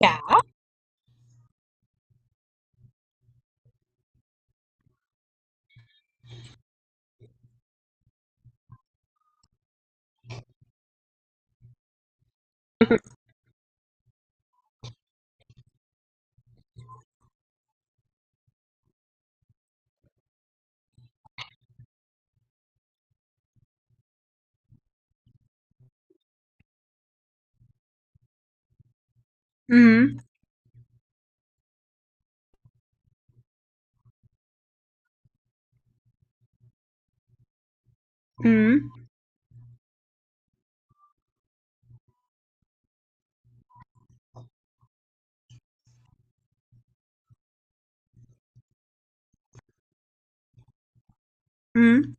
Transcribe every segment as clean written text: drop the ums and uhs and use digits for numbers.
Ja. Mhm. Mhm. Mhm.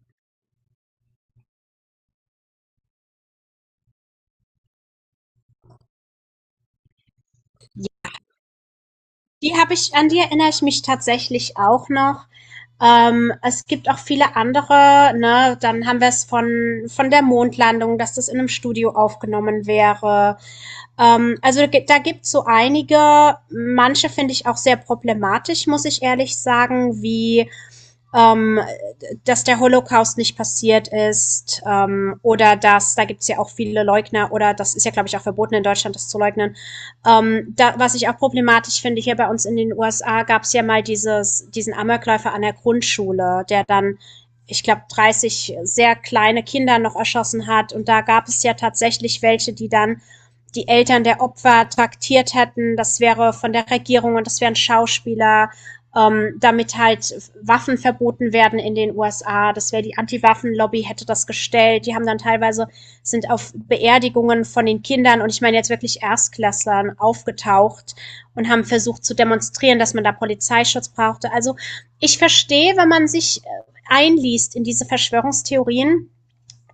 Ja. Die habe ich, an die erinnere ich mich tatsächlich auch noch. Es gibt auch viele andere, ne? Dann haben wir es von der Mondlandung, dass das in einem Studio aufgenommen wäre. Also da gibt es so einige, manche finde ich auch sehr problematisch, muss ich ehrlich sagen, wie ähm, dass der Holocaust nicht passiert ist, oder dass, da gibt es ja auch viele Leugner, oder das ist ja, glaube ich, auch verboten in Deutschland, das zu leugnen. Da, was ich auch problematisch finde, hier bei uns in den USA, es ja mal dieses, diesen Amokläufer an der Grundschule, der dann, ich glaube, 30 sehr kleine Kinder noch erschossen hat, und da gab es ja tatsächlich welche, die dann die Eltern der Opfer traktiert hätten, das wäre von der Regierung und das wären Schauspieler, damit halt Waffen verboten werden in den USA. Das wäre, die Anti-Waffen-Lobby hätte das gestellt. Die haben dann teilweise, sind auf Beerdigungen von den Kindern, und ich meine jetzt wirklich Erstklässlern, aufgetaucht und haben versucht zu demonstrieren, dass man da Polizeischutz brauchte. Also ich verstehe, wenn man sich einliest in diese Verschwörungstheorien,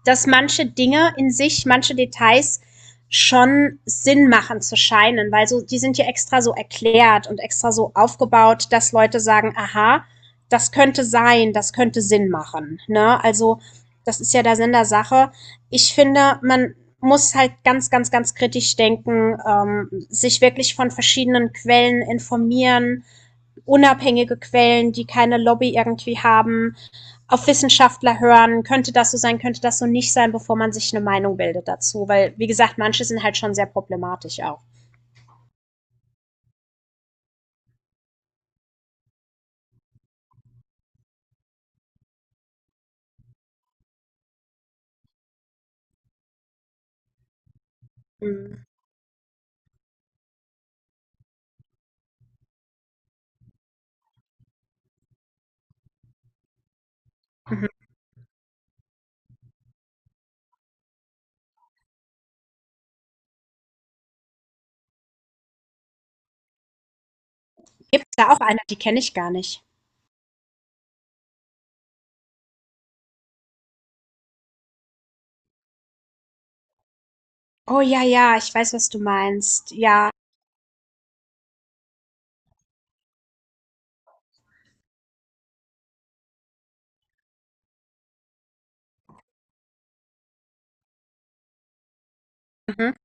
dass manche Dinge in sich, manche Details schon Sinn machen zu scheinen, weil so, die sind ja extra so erklärt und extra so aufgebaut, dass Leute sagen, aha, das könnte sein, das könnte Sinn machen. Ne? Also, das ist ja der Sinn der Sache. Ich finde, man muss halt ganz, ganz, ganz kritisch denken, sich wirklich von verschiedenen Quellen informieren, unabhängige Quellen, die keine Lobby irgendwie haben, auf Wissenschaftler hören, könnte das so sein, könnte das so nicht sein, bevor man sich eine Meinung bildet dazu. Weil, wie gesagt, manche sind halt schon sehr problematisch auch. Mhm. Mhm. Gibt es da auch eine, die kenne ich gar nicht. Oh ja, ja, ich weiß, was du meinst. Ja. Mhm.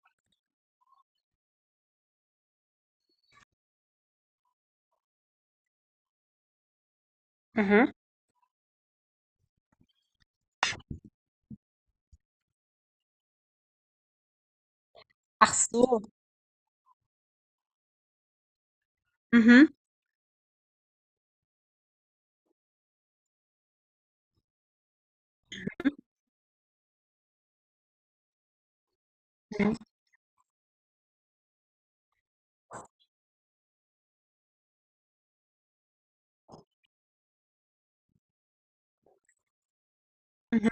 Mhm. Ach so. Mhm. Mhm. Mhm.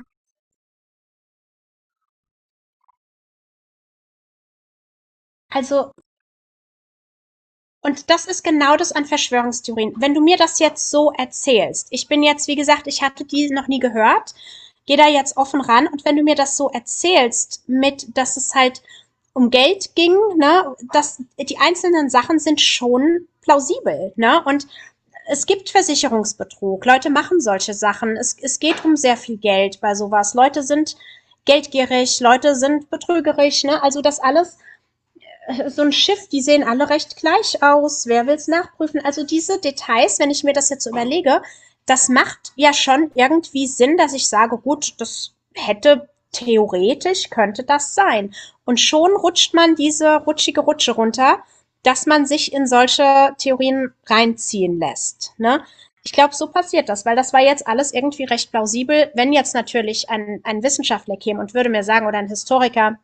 Also. Und das ist genau das an Verschwörungstheorien. Wenn du mir das jetzt so erzählst, ich bin jetzt, wie gesagt, ich hatte die noch nie gehört, gehe da jetzt offen ran, und wenn du mir das so erzählst, mit, dass es halt um Geld ging, ne, dass die einzelnen Sachen sind schon plausibel, ne, und es gibt Versicherungsbetrug, Leute machen solche Sachen, es geht um sehr viel Geld bei sowas, Leute sind geldgierig, Leute sind betrügerig, ne, also das alles, so ein Schiff, die sehen alle recht gleich aus. Wer will's nachprüfen? Also diese Details, wenn ich mir das jetzt so überlege, das macht ja schon irgendwie Sinn, dass ich sage, gut, das hätte theoretisch, könnte das sein. Und schon rutscht man diese rutschige Rutsche runter, dass man sich in solche Theorien reinziehen lässt. Ne? Ich glaube, so passiert das, weil das war jetzt alles irgendwie recht plausibel. Wenn jetzt natürlich ein Wissenschaftler käme und würde mir sagen, oder ein Historiker,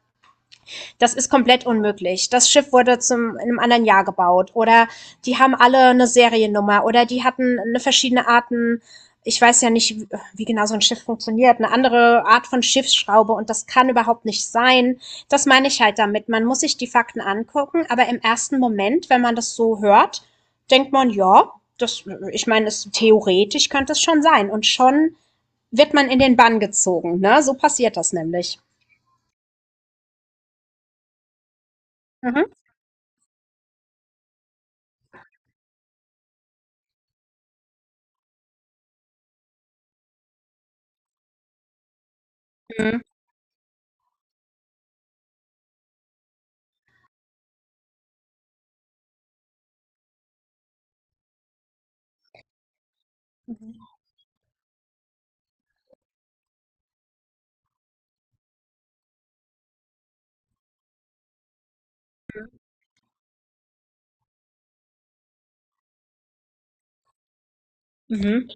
das ist komplett unmöglich. Das Schiff wurde zum, in einem anderen Jahr gebaut. Oder die haben alle eine Seriennummer. Oder die hatten eine verschiedene Arten. Ich weiß ja nicht, wie genau so ein Schiff funktioniert. Eine andere Art von Schiffsschraube. Und das kann überhaupt nicht sein. Das meine ich halt damit. Man muss sich die Fakten angucken. Aber im ersten Moment, wenn man das so hört, denkt man, ja, das, ich meine, es, theoretisch könnte es schon sein. Und schon wird man in den Bann gezogen. Ne? So passiert das nämlich. Mhm. Mhm. Mhm.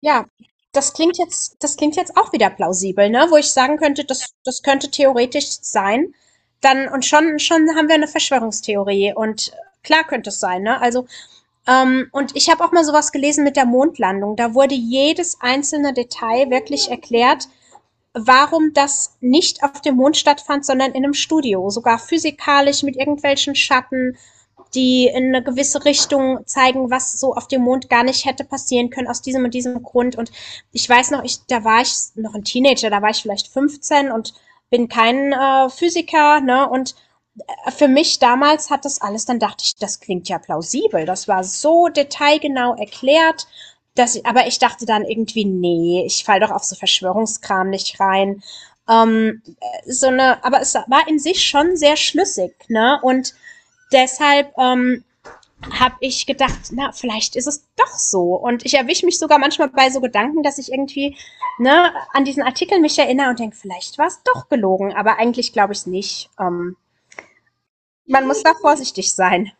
Ja, das klingt jetzt auch wieder plausibel, ne? Wo ich sagen könnte, das könnte theoretisch sein. Dann, und schon haben wir eine Verschwörungstheorie, und klar, könnte es sein, ne? Also, und ich habe auch mal so was gelesen mit der Mondlandung. Da wurde jedes einzelne Detail wirklich erklärt, warum das nicht auf dem Mond stattfand, sondern in einem Studio, sogar physikalisch mit irgendwelchen Schatten, die in eine gewisse Richtung zeigen, was so auf dem Mond gar nicht hätte passieren können, aus diesem und diesem Grund. Und ich weiß noch, ich, da war ich noch ein Teenager, da war ich vielleicht 15, und bin kein Physiker, ne? Und für mich damals hat das alles, dann dachte ich, das klingt ja plausibel. Das war so detailgenau erklärt. Dass ich, aber ich dachte dann irgendwie, nee, ich falle doch auf so Verschwörungskram nicht rein. Ähm, so eine, aber es war in sich schon sehr schlüssig, ne? Und deshalb, habe ich gedacht, na, vielleicht ist es doch so. Und ich erwische mich sogar manchmal bei so Gedanken, dass ich irgendwie, ne, an diesen Artikel mich erinnere und denke, vielleicht war es doch gelogen, aber eigentlich glaube ich es nicht. Man muss da vorsichtig sein.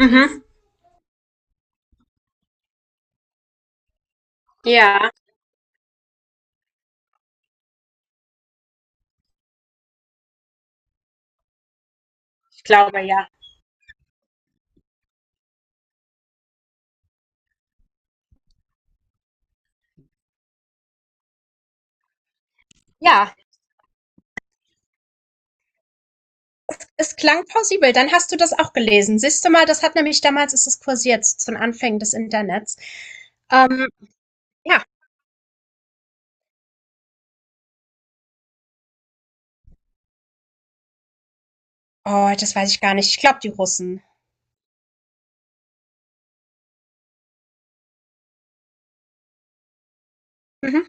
Mhm. Ja, ich glaube ja. Ja, es klang plausibel. Dann hast du das auch gelesen. Siehst du mal, das hat nämlich damals, ist es kursiert, zu den Anfängen des Internets. Ähm, ja. Oh, das weiß ich gar nicht. Ich glaube, die Russen. Mhm.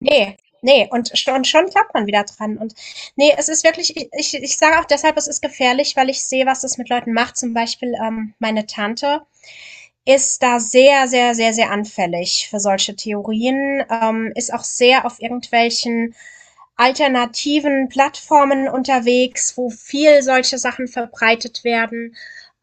Nee, nee. Und schon klappt man wieder dran. Und nee, es ist wirklich, ich sage auch deshalb, es ist gefährlich, weil ich sehe, was das mit Leuten macht. Zum Beispiel meine Tante, ist da sehr, sehr, sehr, sehr anfällig für solche Theorien, ist auch sehr auf irgendwelchen alternativen Plattformen unterwegs, wo viel solche Sachen verbreitet werden.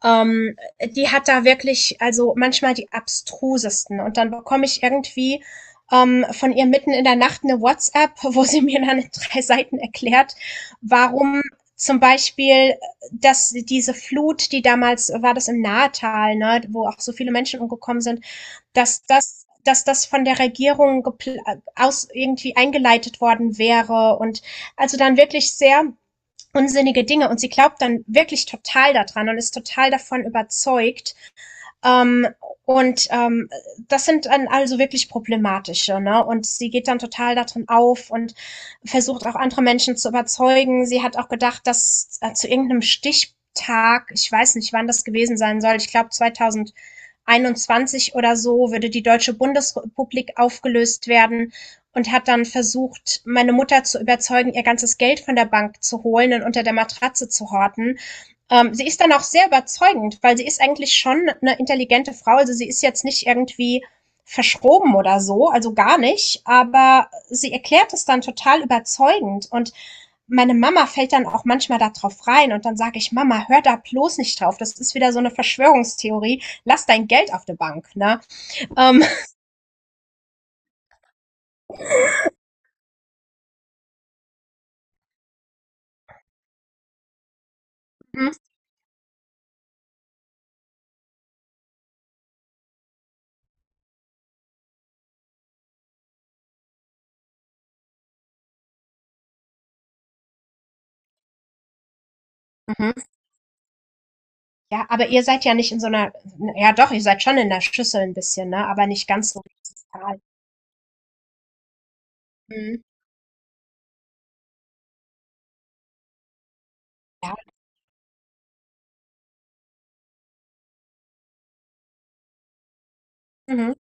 Ähm, Die hat da wirklich, also manchmal die abstrusesten. Und dann bekomme ich irgendwie, von ihr mitten in der Nacht eine WhatsApp, wo sie mir dann in drei Seiten erklärt, warum zum Beispiel, dass diese Flut, die damals war, das im Nahetal, ne, wo auch so viele Menschen umgekommen sind, dass das von der Regierung aus irgendwie eingeleitet worden wäre, und, also dann wirklich sehr unsinnige Dinge, und sie glaubt dann wirklich total daran und ist total davon überzeugt, ähm, und ähm, das sind dann also wirklich problematische. Ne? Und sie geht dann total darin auf und versucht auch andere Menschen zu überzeugen. Sie hat auch gedacht, dass zu irgendeinem Stichtag, ich weiß nicht, wann das gewesen sein soll, ich glaube 2000 oder so, würde die Deutsche Bundesrepublik aufgelöst werden, und hat dann versucht, meine Mutter zu überzeugen, ihr ganzes Geld von der Bank zu holen und unter der Matratze zu horten. Sie ist dann auch sehr überzeugend, weil sie ist eigentlich schon eine intelligente Frau. Also, sie ist jetzt nicht irgendwie verschroben oder so, also gar nicht, aber sie erklärt es dann total überzeugend, und meine Mama fällt dann auch manchmal da drauf rein, und dann sage ich, Mama, hör da bloß nicht drauf. Das ist wieder so eine Verschwörungstheorie. Lass dein Geld auf der Bank, ne? Ähm, mhm. Ja, aber ihr seid ja nicht in so einer, ja doch, ihr seid schon in der Schüssel ein bisschen, ne? Aber nicht ganz so. Total. Mhm. Ja, mhm.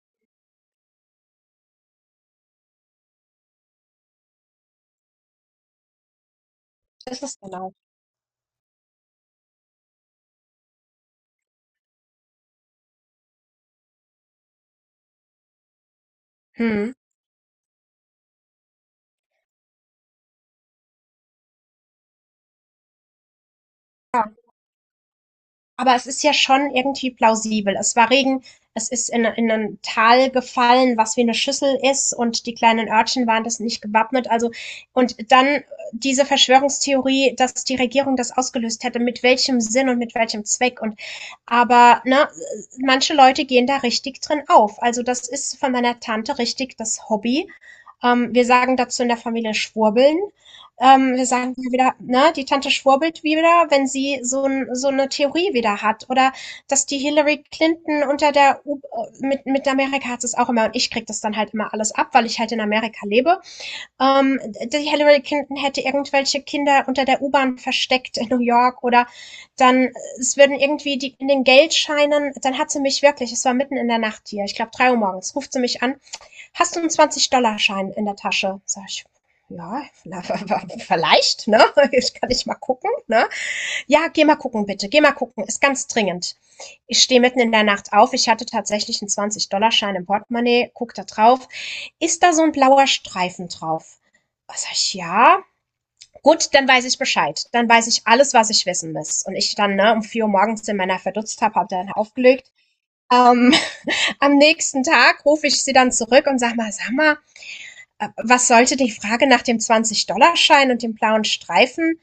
Das ist genau. Mhm. Ja, aber es ist ja schon irgendwie plausibel. Es war Regen, es ist in ein Tal gefallen, was wie eine Schüssel ist, und die kleinen Örtchen waren das nicht gewappnet. Also, und dann, diese Verschwörungstheorie, dass die Regierung das ausgelöst hätte, mit welchem Sinn und mit welchem Zweck. Und, aber, ne, manche Leute gehen da richtig drin auf. Also, das ist von meiner Tante richtig das Hobby. Wir sagen dazu in der Familie Schwurbeln. Wir sagen ja wieder, ne, die Tante schwurbelt wieder, wenn sie so 'n, so 'ne Theorie wieder hat, oder dass die Hillary Clinton unter der U mit Amerika hat es auch immer, und ich krieg das dann halt immer alles ab, weil ich halt in Amerika lebe. Ähm, Die Hillary Clinton hätte irgendwelche Kinder unter der U-Bahn versteckt in New York, oder dann, es würden irgendwie die in den Geldscheinen, dann hat sie mich wirklich, es war mitten in der Nacht hier, ich glaube 3 Uhr morgens, ruft sie mich an. Hast du einen 20-Dollar-Schein in der Tasche? Sag ich, ja, vielleicht, ne? Ich kann nicht mal gucken, ne? Ja, geh mal gucken, bitte. Geh mal gucken. Ist ganz dringend. Ich stehe mitten in der Nacht auf. Ich hatte tatsächlich einen 20-Dollar-Schein im Portemonnaie. Guck da drauf. Ist da so ein blauer Streifen drauf? Was, sag ich, ja. Gut, dann weiß ich Bescheid. Dann weiß ich alles, was ich wissen muss. Und ich dann, ne, um 4 Uhr morgens in meiner, verdutzt habe, habe dann aufgelegt. Ähm, am nächsten Tag rufe ich sie dann zurück und sag mal, was sollte die Frage nach dem 20-Dollar-Schein und dem blauen Streifen?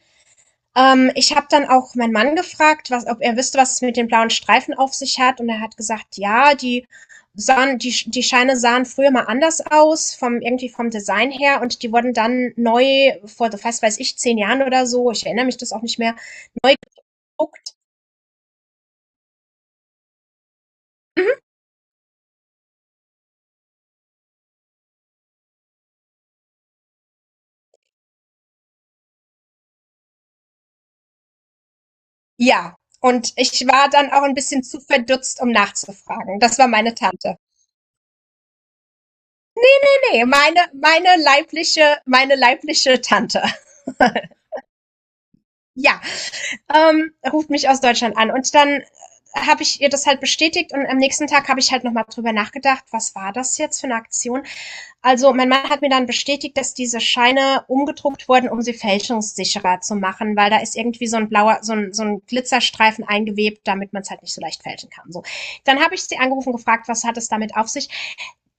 Ich habe dann auch meinen Mann gefragt, was, ob er wüsste, was es mit den blauen Streifen auf sich hat. Und er hat gesagt, ja, die sahen, die, die Scheine sahen früher mal anders aus, vom, irgendwie vom Design her. Und die wurden dann neu vor, was weiß ich, 10 Jahren oder so, ich erinnere mich das auch nicht mehr, guckt. Ja, und ich war dann auch ein bisschen zu verdutzt, um nachzufragen. Das war meine Tante. Nee, meine, meine leibliche Tante. Ja, ruft mich aus Deutschland an. Und dann, habe ich ihr das halt bestätigt, und am nächsten Tag habe ich halt nochmal drüber nachgedacht, was war das jetzt für eine Aktion? Also mein Mann hat mir dann bestätigt, dass diese Scheine umgedruckt wurden, um sie fälschungssicherer zu machen, weil da ist irgendwie so ein blauer, so ein Glitzerstreifen eingewebt, damit man es halt nicht so leicht fälschen kann. So. Dann habe ich sie angerufen, gefragt, was hat es damit auf sich?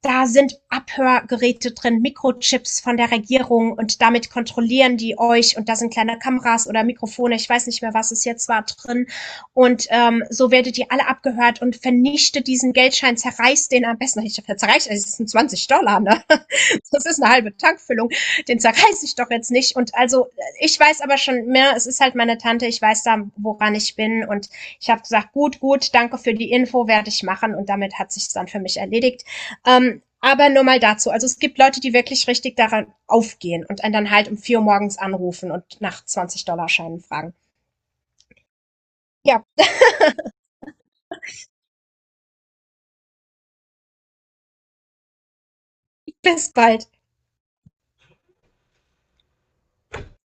Da sind Abhörgeräte drin, Mikrochips von der Regierung, und damit kontrollieren die euch, und da sind kleine Kameras oder Mikrofone, ich weiß nicht mehr, was es jetzt war, drin. Und so werdet ihr alle abgehört, und vernichtet diesen Geldschein, zerreißt den am besten, ich zerreißt, es sind 20 Dollar, ne? Das ist eine halbe Tankfüllung, den zerreiß ich doch jetzt nicht. Und, also, ich weiß aber schon mehr, es ist halt meine Tante, ich weiß da, woran ich bin, und ich habe gesagt, gut, gut, danke für die Info, werde ich machen, und damit hat sich dann für mich erledigt. Aber nur mal dazu. Also es gibt Leute, die wirklich richtig daran aufgehen und einen dann halt um 4 Uhr morgens anrufen und nach 20-Dollar-Scheinen fragen. Ja, bis bald.